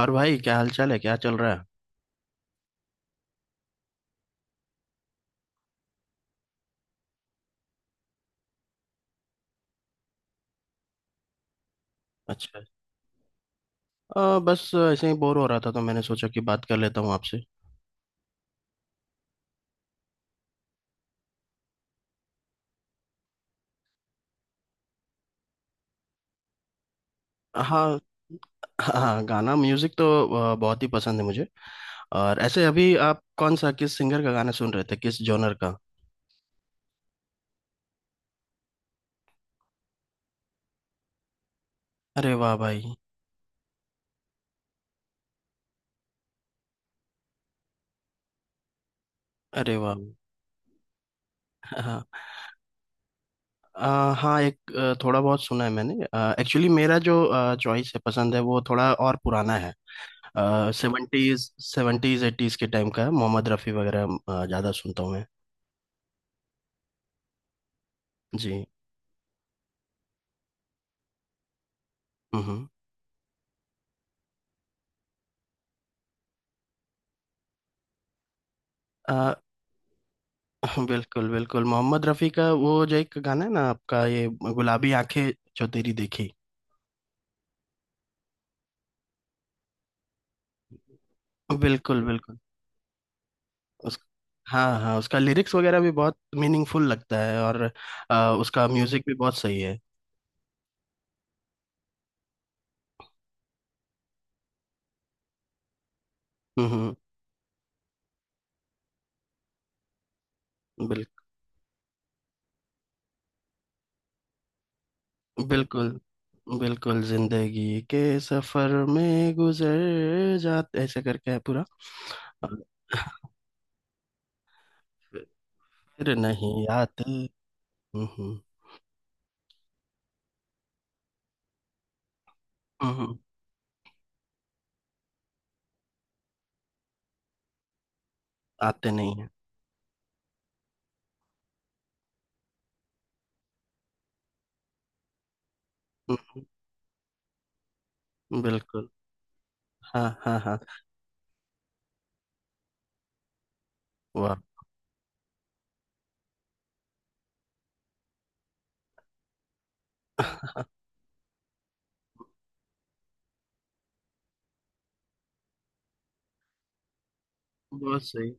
और भाई क्या हाल चाल है? क्या चल रहा है? अच्छा। बस ऐसे ही बोर हो रहा था, तो मैंने सोचा कि बात कर लेता हूँ आपसे। हाँ। हाँ, गाना म्यूजिक तो बहुत ही पसंद है मुझे। और ऐसे अभी आप कौन सा, किस सिंगर का गाना सुन रहे थे, किस जॉनर का? अरे वाह भाई। अरे वाह। हाँ, हाँ, एक थोड़ा बहुत सुना है मैंने। एक्चुअली मेरा जो चॉइस है, पसंद है, वो थोड़ा और पुराना है। सेवेंटीज, सेवेंटीज एटीज के टाइम का है। मोहम्मद रफ़ी वगैरह ज़्यादा सुनता हूँ मैं। जी। हम्म। हाँ, बिल्कुल बिल्कुल। मोहम्मद रफ़ी का वो जो एक गाना है ना आपका, ये गुलाबी आंखें जो तेरी देखी। बिल्कुल बिल्कुल। उस, हाँ हाँ, उसका लिरिक्स वगैरह भी बहुत मीनिंगफुल लगता है, और उसका म्यूजिक भी बहुत सही है। हम्म हम्म, बिल, बिल्कुल बिल्कुल। जिंदगी के सफर में गुजर जाते, ऐसे करके है पूरा। और फिर नहीं आते। हम्म हम्म हम्म, आते नहीं है। बिल्कुल। हाँ हाँ हाँ। वाह। बहुत सही।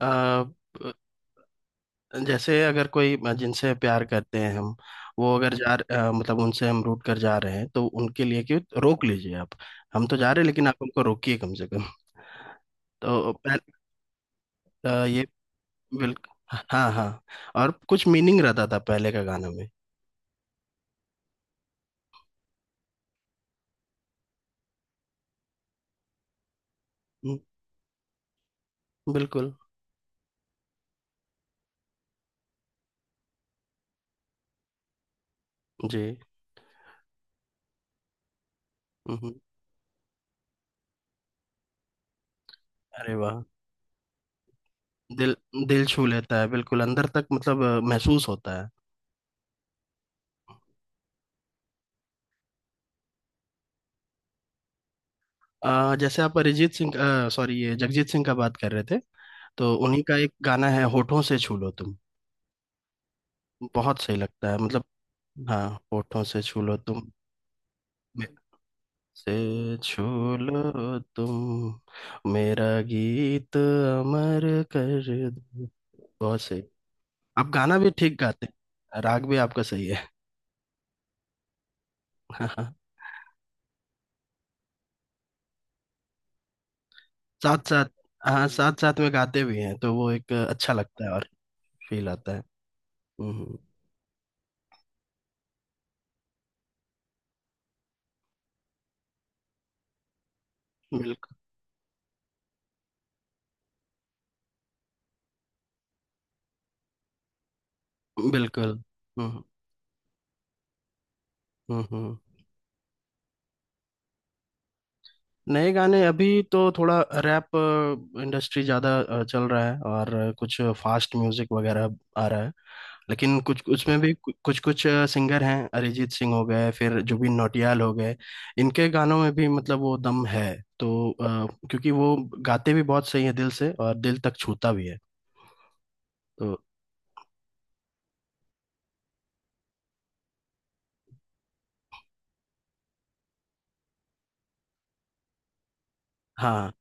आ, जैसे अगर कोई जिनसे प्यार करते हैं हम, वो अगर जा, मतलब उनसे हम रूट कर जा रहे हैं, तो उनके लिए कि रोक लीजिए आप। हम तो जा रहे हैं, लेकिन आप हमको रोकिए कम से कम। तो ये। बिल्कुल। हाँ हाँ। और कुछ मीनिंग रहता था पहले का गाना में। हम्म, बिल्कुल। जी। हम्म। अरे वाह। दिल, दिल छू लेता है बिल्कुल अंदर तक। मतलब महसूस होता है। जैसे आप अरिजीत सिंह, सॉरी ये जगजीत सिंह का बात कर रहे थे, तो उन्हीं का एक गाना है होठों से छू लो तुम। बहुत सही लगता है मतलब। हाँ, होठों से छू लो तुम। मे-, से छू लो तुम मेरा, गीत अमर कर दो। बहुत सही। आप गाना भी ठीक गाते हैं, राग भी आपका सही है। हाँ। साथ साथ, हाँ साथ साथ में गाते भी हैं तो वो एक अच्छा लगता है, और फील आता है। हम्म। बिल्कुल बिल्कुल। हम्म हम्म हम्म नए गाने अभी तो थोड़ा, रैप इंडस्ट्री ज़्यादा चल रहा है, और कुछ फास्ट म्यूजिक वगैरह आ रहा है। लेकिन कुछ उसमें भी कुछ कुछ सिंगर हैं। अरिजीत सिंह हो गए, फिर जुबिन नौटियाल हो गए। इनके गानों में भी मतलब वो दम है। तो क्योंकि वो गाते भी बहुत सही है दिल से, और दिल तक छूता भी है। तो हाँ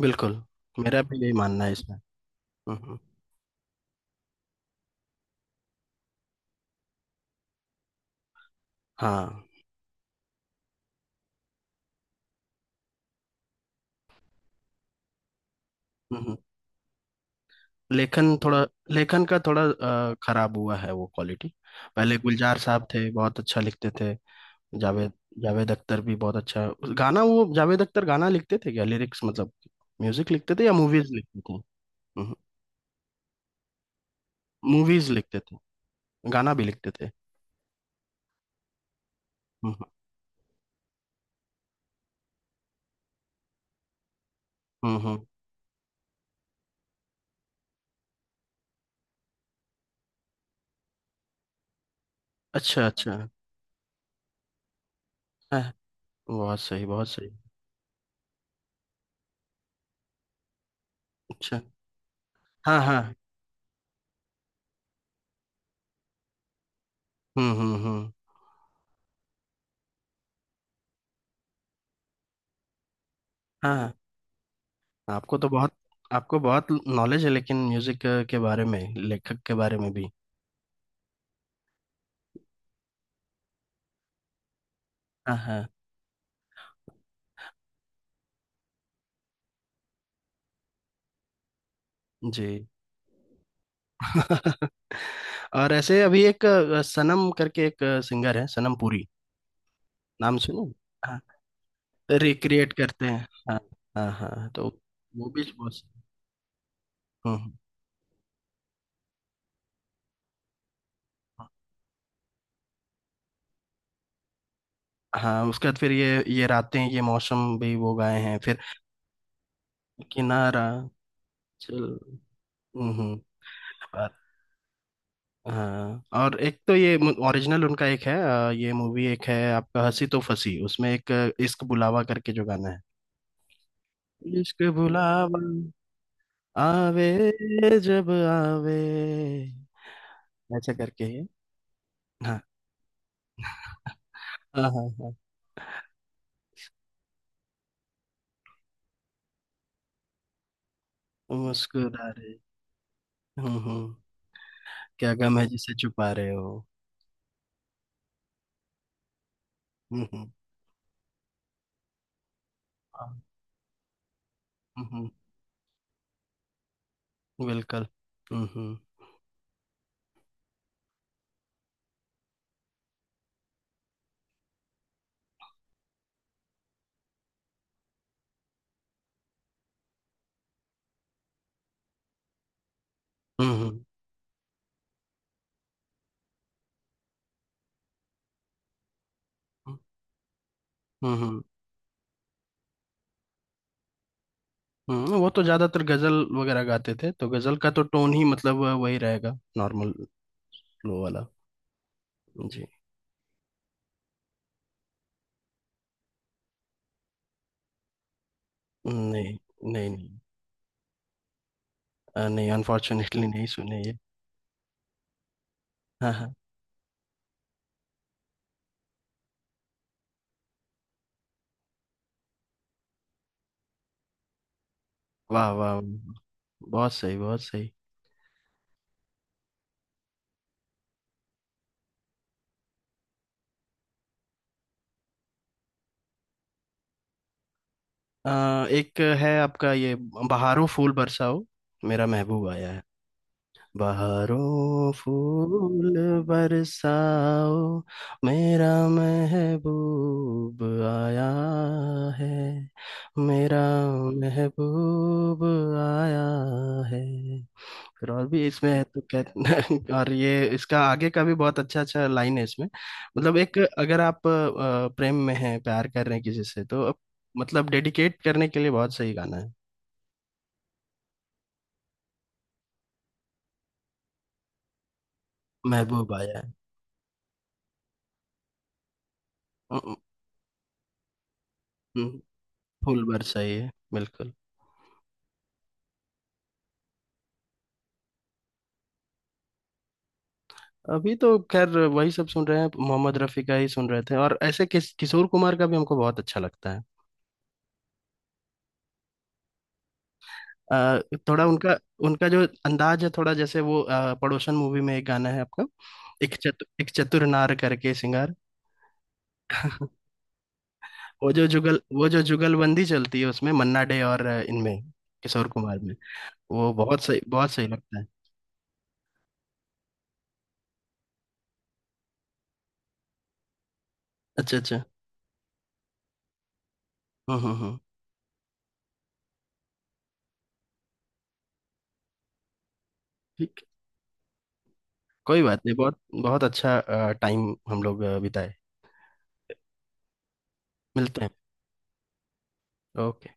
बिल्कुल। मेरा भी यही मानना है इसमें। हम्म, हम्म, हाँ। हम्म, हम्म। लेखन थोड़ा, लेखन का थोड़ा खराब हुआ है वो क्वालिटी। पहले गुलजार साहब थे, बहुत अच्छा लिखते थे। जावेद, जावेद अख्तर भी बहुत अच्छा। गाना वो जावेद अख्तर गाना लिखते थे? क्या लिरिक्स मतलब म्यूजिक लिखते थे या मूवीज लिखते थे? मूवीज लिखते थे, गाना भी लिखते थे। हम्म हम्म हम्म। अच्छा अच्छा। हाँ, बहुत सही बहुत सही। अच्छा। हाँ हाँ। हम्म। हाँ हाँ। आपको तो बहुत, आपको बहुत नॉलेज है, लेकिन म्यूजिक के बारे में, लेखक के बारे में भी। हाँ हाँ। जी। और ऐसे अभी एक सनम करके एक सिंगर है सनम पुरी, नाम सुनो? हाँ, रिक्रिएट करते हैं, हाँ हाँ हाँ, तो वो भी बहुत। हम्म हम्म। हाँ, उसके बाद फिर ये रातें ये मौसम भी वो गाए हैं। फिर किनारा चल। हम्म। और-, हाँ और एक तो ये ओरिजिनल उनका एक है, ये मूवी एक है आपका, हंसी तो फंसी, उसमें एक इश्क बुलावा करके जो गाना है। इश्क बुलावा आवे, जब आवे, ऐसा करके है। हाँ हाँ हाँ। हाँ, मुस्कुरा रहे। हम्म। क्या गम है जिसे छुपा रहे हो। हम्म। हाँ। हम्म हम्म, बिल्कुल। हम्म हम्म हम्म। हम्म हम्म। वो तो ज्यादातर गजल वगैरह गाते थे, तो गजल का तो टोन ही मतलब वही रहेगा, नॉर्मल फ्लो वाला। जी। नहीं, नहीं नहीं। नहीं, अनफॉर्चुनेटली नहीं सुने ये। हाँ हाँ। वाह वाह वाह। बहुत सही बहुत सही। अ, एक है आपका ये, बहारों फूल बरसाओ, मेरा महबूब आया है। बहारों फूल बरसाओ, मेरा महबूब आया है, मेरा महबूब आया है। फिर और भी इसमें है तो क्या। और ये इसका आगे का भी बहुत अच्छा अच्छा लाइन है इसमें। मतलब एक अगर आप प्रेम में हैं, प्यार कर रहे हैं किसी से, तो आप-, मतलब डेडिकेट करने के लिए बहुत सही गाना है। महबूब आया है। अ, अ, फूल बरसाई है बिल्कुल। अभी तो खैर वही सब सुन रहे हैं, मोहम्मद रफ़ी का ही सुन रहे थे। और ऐसे किस किशोर कुमार का भी हमको बहुत अच्छा लगता है। अ, थोड़ा उनका, उनका जो अंदाज है थोड़ा, जैसे वो पड़ोसन मूवी में एक गाना है आपका, एक चतुर नार करके सिंगार। वो जो जुगल वो जो जुगलबंदी चलती है उसमें, मन्ना डे और इनमें किशोर कुमार में, वो बहुत सही लगता है। अच्छा अच्छा। हम्म। ठीक, कोई बात नहीं, बहुत बहुत अच्छा टाइम हम लोग बिताए। मिलते हैं। ओके।